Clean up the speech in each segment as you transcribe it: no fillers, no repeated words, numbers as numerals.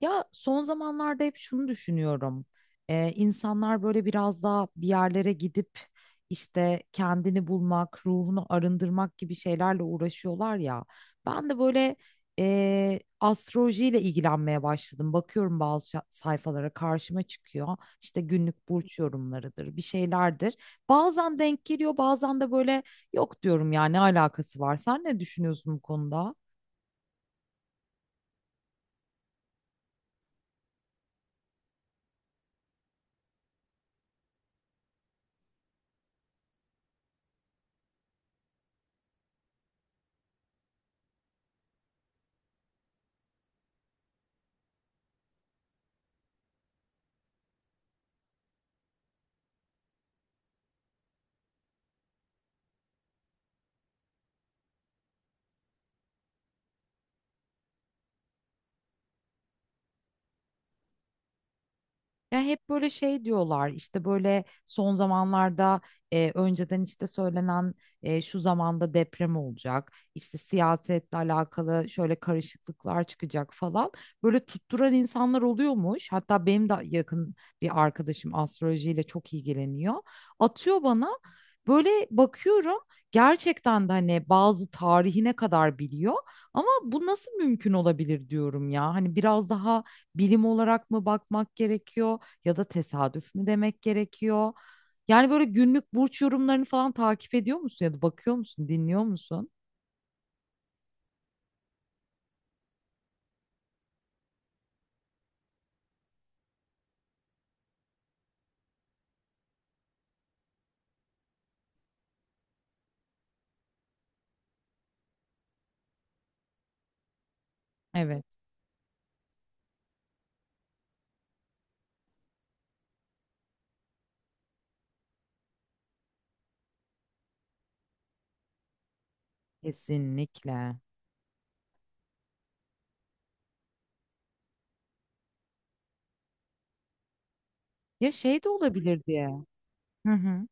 Ya son zamanlarda hep şunu düşünüyorum. İnsanlar böyle biraz daha bir yerlere gidip işte kendini bulmak, ruhunu arındırmak gibi şeylerle uğraşıyorlar ya. Ben de böyle astrolojiyle ilgilenmeye başladım. Bakıyorum bazı sayfalara karşıma çıkıyor. İşte günlük burç yorumlarıdır, bir şeylerdir. Bazen denk geliyor, bazen de böyle yok diyorum ya ne alakası var. Sen ne düşünüyorsun bu konuda? Ya hep böyle şey diyorlar işte böyle son zamanlarda önceden işte söylenen şu zamanda deprem olacak işte siyasetle alakalı şöyle karışıklıklar çıkacak falan, böyle tutturan insanlar oluyormuş. Hatta benim de yakın bir arkadaşım astrolojiyle çok ilgileniyor, atıyor bana, böyle bakıyorum gerçekten de hani bazı tarihine kadar biliyor. Ama bu nasıl mümkün olabilir diyorum ya, hani biraz daha bilim olarak mı bakmak gerekiyor, ya da tesadüf mü demek gerekiyor? Yani böyle günlük burç yorumlarını falan takip ediyor musun, ya da bakıyor musun, dinliyor musun? Evet, kesinlikle. Ya şey de olabilir diye. Hı hı.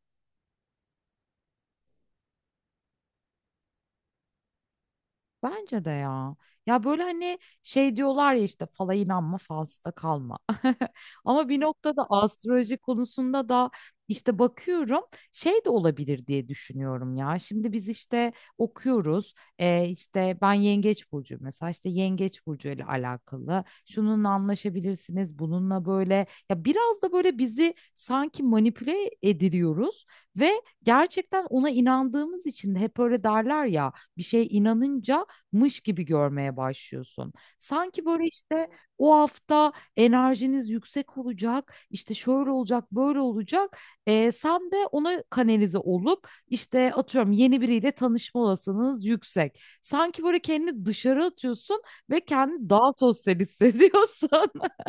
Bence de ya. Ya böyle hani şey diyorlar ya, işte fala inanma, falsıda kalma. Ama bir noktada astroloji konusunda da işte bakıyorum, şey de olabilir diye düşünüyorum ya. Şimdi biz işte okuyoruz. İşte ben Yengeç Burcu, mesela işte Yengeç Burcu ile alakalı. Şununla anlaşabilirsiniz, bununla böyle. Ya biraz da böyle bizi sanki manipüle ediliyoruz ve gerçekten ona inandığımız için de hep öyle derler ya, bir şeye inanınca mış gibi görmeye başlıyorsun. Sanki böyle işte o hafta enerjiniz yüksek olacak, işte şöyle olacak, böyle olacak. Sen de ona kanalize olup işte atıyorum, yeni biriyle tanışma olasılığınız yüksek. Sanki böyle kendini dışarı atıyorsun ve kendini daha sosyal hissediyorsun.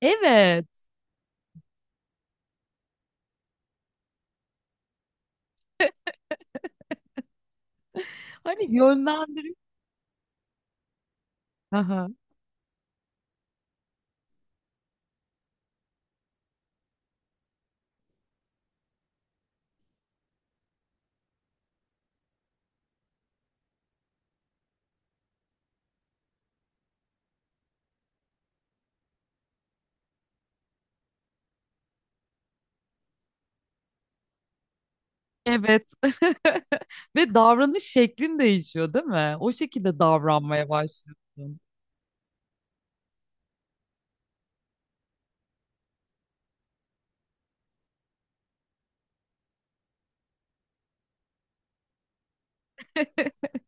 Evet. Hani yönlendiriyor. Aha, evet. Ve davranış şeklin değişiyor, değil mi? O şekilde davranmaya başlıyorsun.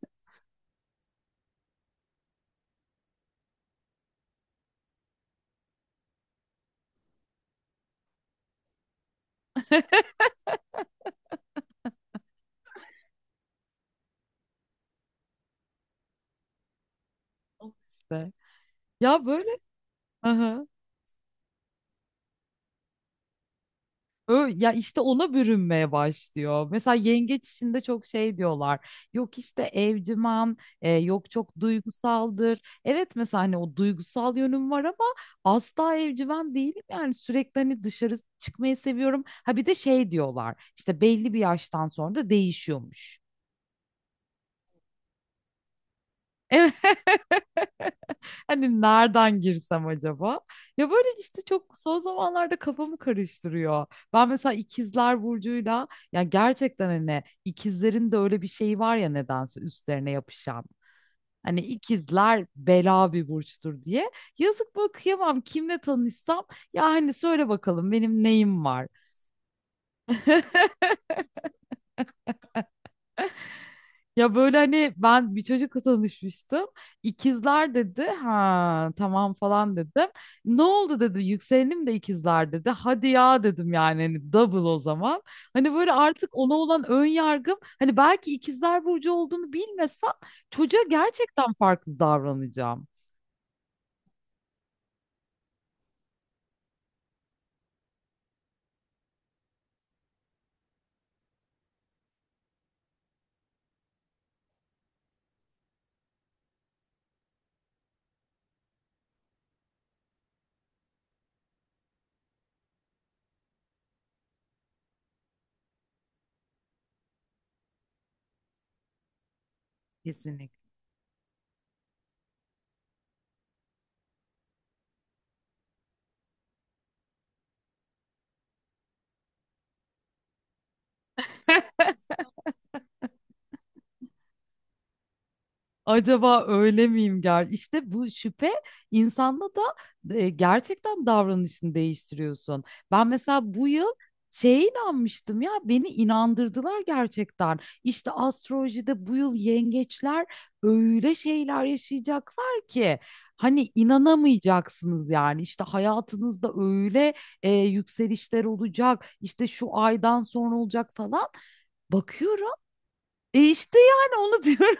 Al işte. Ya böyle hı ya işte ona bürünmeye başlıyor. Mesela yengeç içinde çok şey diyorlar. Yok işte evcimen, yok çok duygusaldır. Evet, mesela hani o duygusal yönüm var ama asla evcimen değilim. Yani sürekli hani dışarı çıkmayı seviyorum. Ha bir de şey diyorlar, İşte belli bir yaştan sonra da değişiyormuş. Evet. Hani nereden girsem acaba? Ya böyle işte çok son zamanlarda kafamı karıştırıyor. Ben mesela ikizler burcuyla, ya gerçekten hani ikizlerin de öyle bir şeyi var ya, nedense üstlerine yapışan. Hani ikizler bela bir burçtur diye. Yazık, bakıyamam kimle tanışsam, ya hani söyle bakalım benim neyim var. Ya böyle hani ben bir çocukla tanışmıştım. İkizler dedi. Ha tamam falan dedim. Ne oldu dedi. Yükselenim de ikizler dedi. Hadi ya dedim, yani hani double o zaman. Hani böyle artık ona olan ön yargım, hani belki ikizler burcu olduğunu bilmesem çocuğa gerçekten farklı davranacağım. Kesinlikle. Acaba öyle miyim ger? İşte bu şüphe insanda da gerçekten davranışını değiştiriyorsun. Ben mesela bu yıl şeye inanmıştım ya, beni inandırdılar gerçekten. İşte astrolojide bu yıl yengeçler öyle şeyler yaşayacaklar ki hani inanamayacaksınız yani. İşte hayatınızda öyle yükselişler olacak, işte şu aydan sonra olacak falan. Bakıyorum. E işte yani onu diyorum.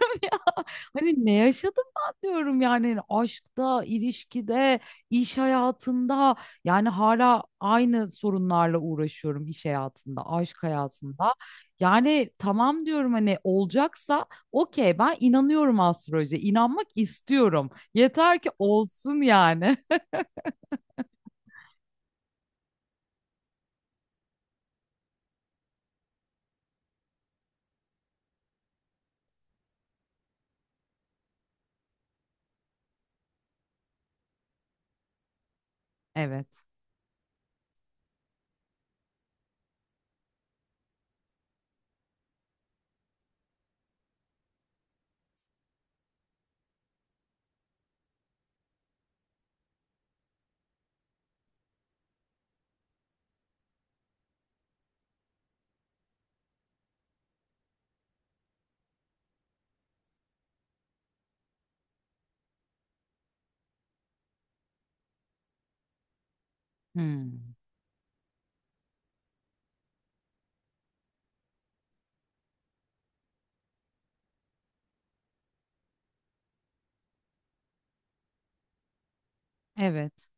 Hani ne yaşadım ben diyorum, yani hani aşkta, ilişkide, iş hayatında, yani hala aynı sorunlarla uğraşıyorum, iş hayatında, aşk hayatında. Yani tamam diyorum, hani olacaksa okey, ben inanıyorum astrolojiye, inanmak istiyorum. Yeter ki olsun yani. Evet. Hmm. Evet.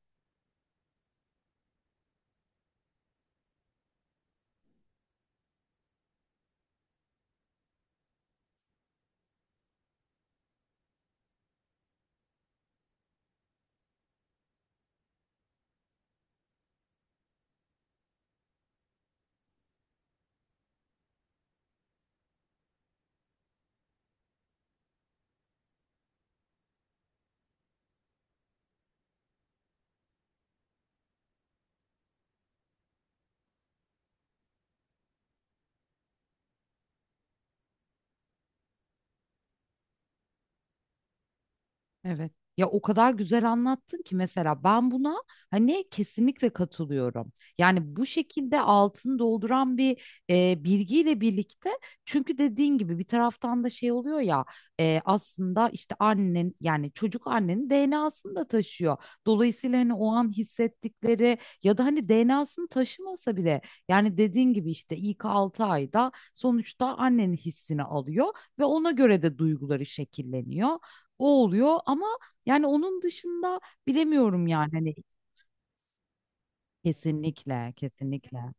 Evet. Ya o kadar güzel anlattın ki mesela ben buna hani kesinlikle katılıyorum. Yani bu şekilde altını dolduran bir bilgiyle birlikte, çünkü dediğin gibi bir taraftan da şey oluyor ya, aslında işte annen, yani çocuk annenin DNA'sını da taşıyor. Dolayısıyla hani o an hissettikleri, ya da hani DNA'sını taşımasa bile, yani dediğin gibi işte ilk 6 ayda sonuçta annenin hissini alıyor ve ona göre de duyguları şekilleniyor, o oluyor. Ama yani onun dışında bilemiyorum yani, hani kesinlikle kesinlikle.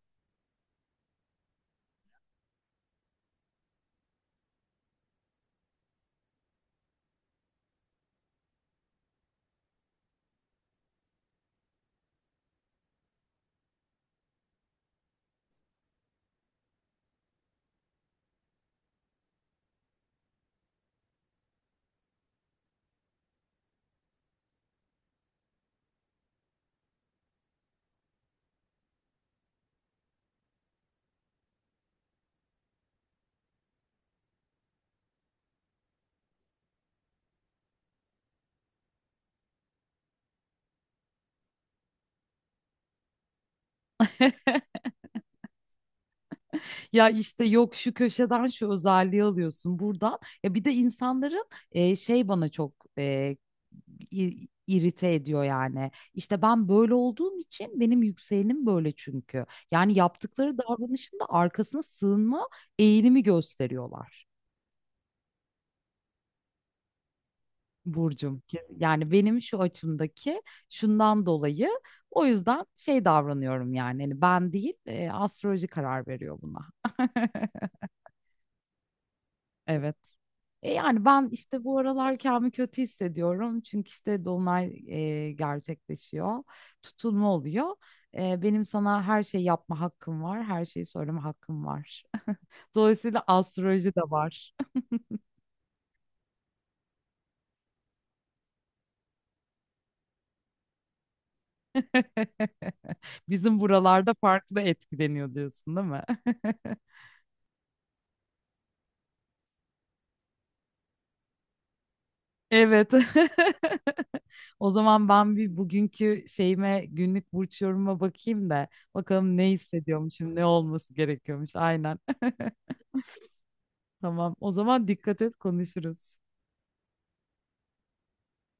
Ya işte yok, şu köşeden şu özelliği alıyorsun buradan. Ya bir de insanların şey bana çok irite ediyor yani. İşte ben böyle olduğum için, benim yükselenim böyle çünkü. Yani yaptıkları davranışın da arkasına sığınma eğilimi gösteriyorlar. Burcum. Yani benim şu açımdaki, şundan dolayı o yüzden şey davranıyorum, yani hani ben değil, astroloji karar veriyor buna. Evet. Yani ben işte bu aralar kendimi kötü hissediyorum. Çünkü işte dolunay gerçekleşiyor. Tutulma oluyor. Benim sana her şeyi yapma hakkım var. Her şeyi söyleme hakkım var. Dolayısıyla astroloji de var. Bizim buralarda farklı etkileniyor diyorsun, değil mi? Evet. O zaman ben bir bugünkü şeyime, günlük burç yorumuma bakayım da, bakalım ne hissediyormuşum, ne olması gerekiyormuş. Aynen. Tamam. O zaman dikkat et, konuşuruz.